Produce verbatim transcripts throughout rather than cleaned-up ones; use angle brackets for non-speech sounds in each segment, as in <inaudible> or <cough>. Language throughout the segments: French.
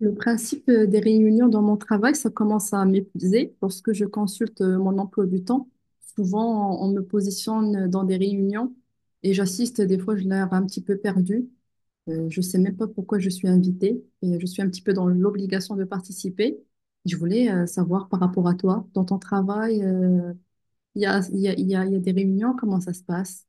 Le principe euh, des réunions dans mon travail, ça commence à m'épuiser lorsque je consulte euh, mon emploi du temps. Souvent, on on me positionne dans des réunions et j'assiste. Des fois, je ai l'air un petit peu perdue. Euh, je sais même pas pourquoi je suis invitée et je suis un petit peu dans l'obligation de participer. Je voulais euh, savoir par rapport à toi, dans ton travail, euh, il y a, il y a, il y a, il y a des réunions, comment ça se passe?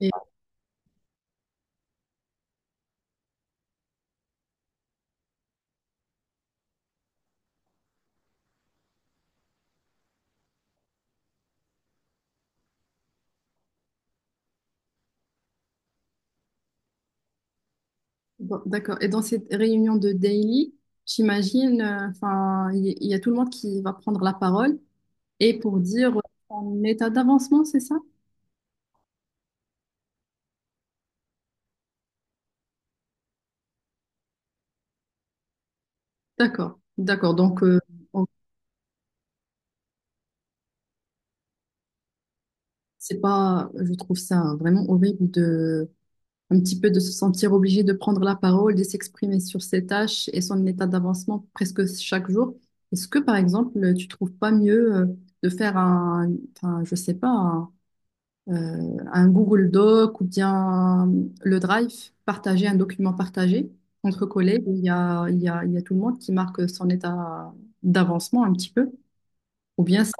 Et, bon, d'accord. Et dans cette réunion de daily, j'imagine, euh, enfin, il y il y a tout le monde qui va prendre la parole. Et pour dire euh, en état d'avancement, c'est ça? D'accord, d'accord. Donc, euh, on- c'est pas, je trouve ça vraiment horrible de, un petit peu de se sentir obligé de prendre la parole, de s'exprimer sur ses tâches et son état d'avancement presque chaque jour. Est-ce que, par exemple, tu trouves pas mieux euh, de faire un, enfin, je sais pas, euh, un Google Doc ou bien le Drive, partager un document partagé entre collègues, où Il y a, il y a, il y a tout le monde qui marque son état d'avancement un petit peu. Ou bien, ça-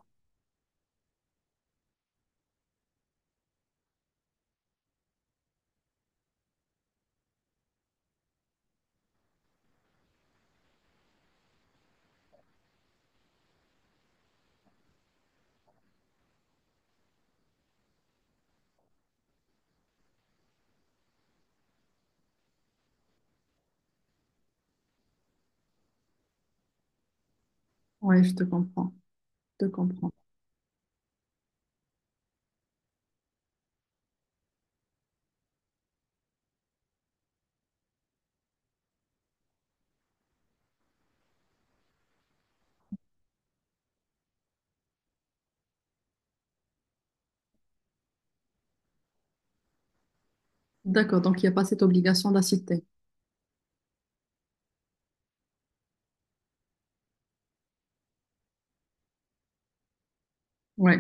ouais, je te comprends, je te comprends. D'accord, donc il n'y a pas cette obligation d'assister. Ouais,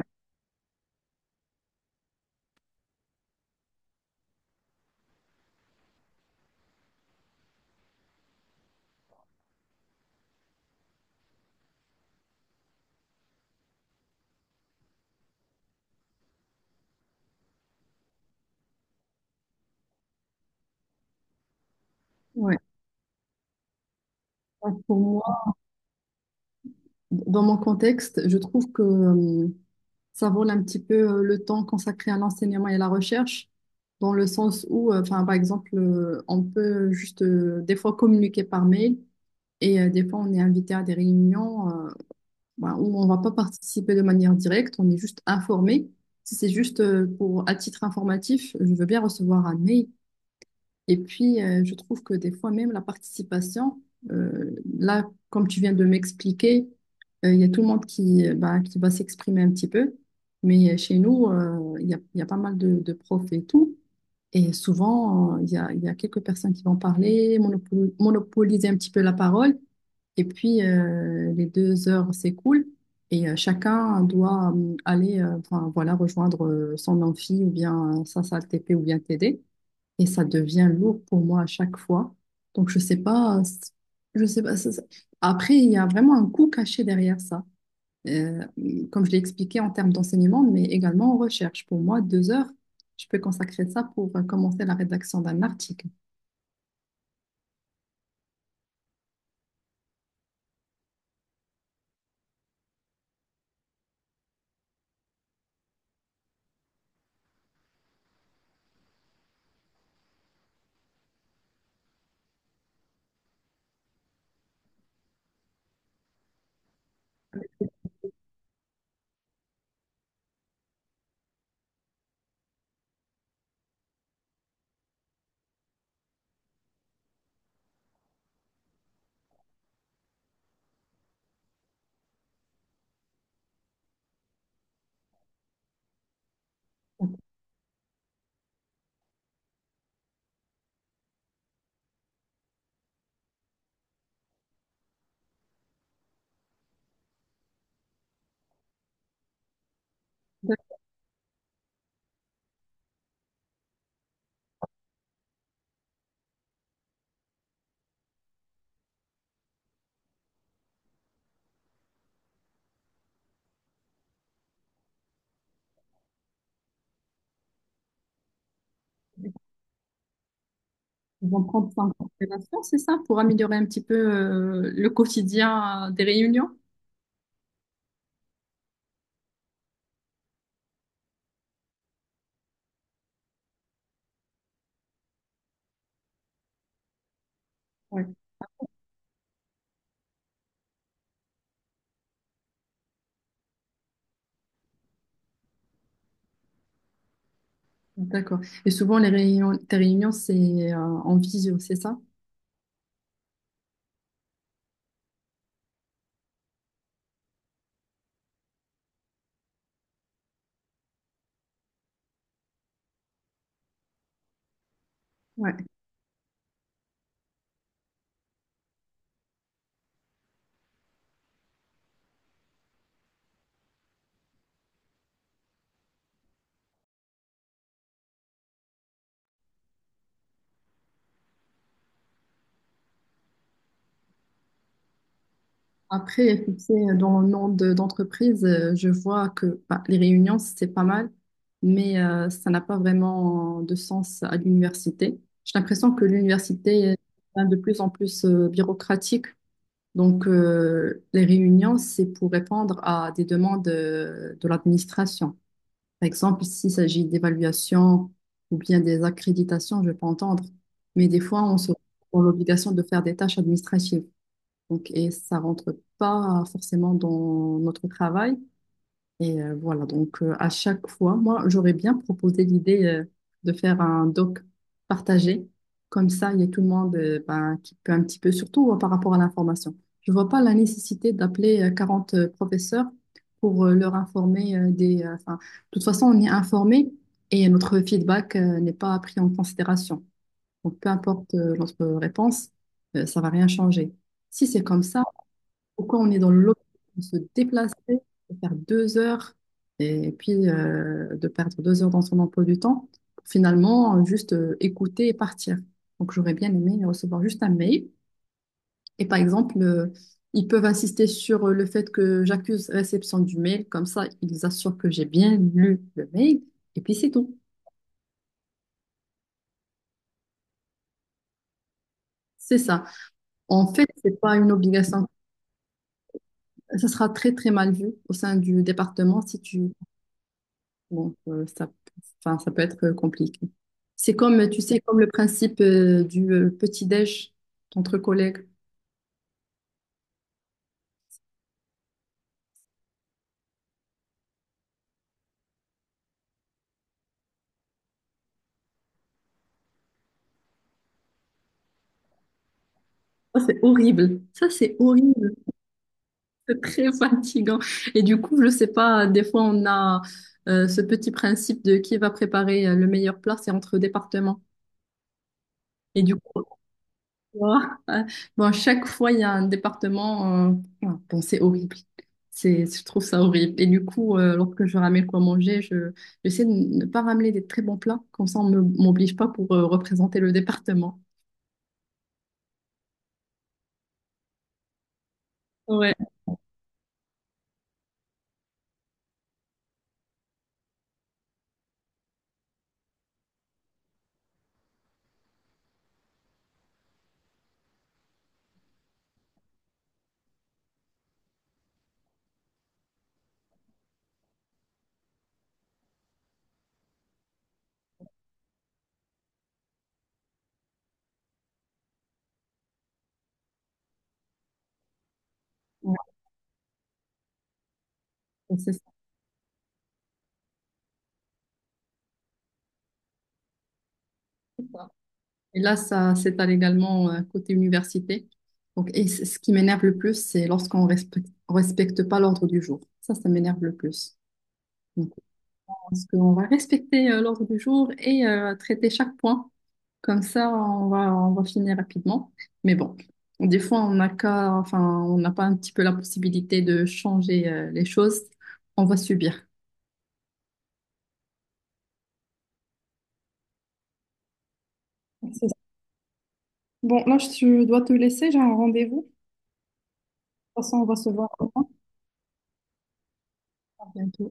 ouais. Donc, pour moi, dans mon contexte, je trouve que euh, ça vole un petit peu euh, le temps consacré à l'enseignement et à la recherche, dans le sens où, euh, enfin, par exemple, euh, on peut juste euh, des fois communiquer par mail. Et euh, des fois, on est invité à des réunions euh, bah, où on ne va pas participer de manière directe, on est juste informé. Si c'est juste euh, pour, à titre informatif, je veux bien recevoir un mail. Et puis, euh, je trouve que des fois, même la participation, euh, là, comme tu viens de m'expliquer, euh, il y a tout le monde qui, euh, bah, qui va s'exprimer un petit peu. Mais euh, chez nous, euh, il y a, il y a pas mal de, de profs et tout. Et souvent, euh, il y a, il y a quelques personnes qui vont parler, monopo- monopoliser un petit peu la parole. Et puis, euh, les deux heures s'écoulent et euh, chacun doit euh, aller euh, enfin, voilà, rejoindre euh, son amphi ou bien euh, sa salle T P ou bien T D. Et ça devient lourd pour moi à chaque fois. Donc, je sais pas, euh, c- je sais pas. ça- ça- Après, il y a vraiment un coût caché derrière ça. Euh, hum, comme je l'ai expliqué en termes d'enseignement, mais également en recherche. Pour moi, deux heures, je peux consacrer ça pour euh, commencer la rédaction d'un article. Ils vont prendre ça en considération, c'est ça, pour améliorer un petit peu euh, le quotidien euh, des réunions? Ouais, d'accord. Et souvent, les réunions, tes réunions, c'est euh, en visio, c'est ça? Ouais. Après, tu sais, dans le monde de- d'entreprise, euh, je vois que bah, les réunions, c'est pas mal, mais euh, ça n'a pas vraiment de sens à l'université. J'ai l'impression que l'université est de plus en plus euh, bureaucratique. Donc, euh, les réunions, c'est pour répondre à des demandes euh, de, l'administration. Par exemple, s'il s'agit d'évaluation ou bien des accréditations, je peux entendre. Mais des fois, on se retrouve dans l'obligation de faire des tâches administratives. Donc, et ça rentre pas forcément dans notre travail. Et euh, voilà, donc euh, à chaque fois, moi, j'aurais bien proposé l'idée euh, de faire un doc partagé. Comme ça, il y a tout le monde euh, ben, qui peut un petit peu, surtout euh, par rapport à l'information. Je vois pas la nécessité d'appeler euh, quarante professeurs pour euh, leur informer euh, des... euh, enfin, de toute façon, on est informé et notre feedback euh, n'est pas pris en considération. Donc, peu importe euh, notre réponse, euh, ça va rien changer. Si c'est comme ça, pourquoi on est dans l'autre, on se déplacer, de faire deux heures, et puis euh, de perdre deux heures dans son emploi du temps, pour finalement euh, juste euh, écouter et partir. Donc j'aurais bien aimé recevoir juste un mail. Et par exemple, euh, ils peuvent insister sur euh, le fait que j'accuse réception du mail, comme ça ils assurent que j'ai bien lu le mail, et puis c'est tout. C'est ça. En fait, c'est pas une obligation. Ça sera très très mal vu au sein du département si tu. Donc, euh, ça, enfin, ça peut être euh, compliqué. C'est comme, tu sais, comme le principe euh, du euh, petit-déj entre collègues. Ça, c'est horrible. Ça, c'est horrible. C'est très <laughs> fatigant. Et du coup, je sais pas, des fois, on a euh, ce petit principe de qui va préparer euh, le meilleur plat, c'est entre départements. Et du coup, moi, <laughs> bon, à chaque fois, il y a un département. euh, ah, Bon, c'est horrible. C'est, je trouve ça horrible. Et du coup, euh, lorsque je ramène quoi manger, je, j'essaie de ne pas ramener des très bons plats. Comme ça, on ne m'oblige pas pour euh, représenter le département. Ouais. Ouais, c'est ça, quoi. Et là, ça s'étale également euh, côté université. Donc, et c- ce qui m'énerve le plus, c'est lorsqu'on respecte, on respecte pas l'ordre du jour. Ça, ça m'énerve le plus. Mm. Pense qu'on va respecter euh, l'ordre du jour et euh, traiter chaque point. Comme ça, on va, on va finir rapidement. Mais bon, des fois, on n'a qu'à, enfin, on n'a pas un petit peu la possibilité de changer euh, les choses. On va subir. C'est ça. Bon, là, je je dois te laisser, j'ai un rendez-vous. De toute façon, on va se voir demain. À bientôt.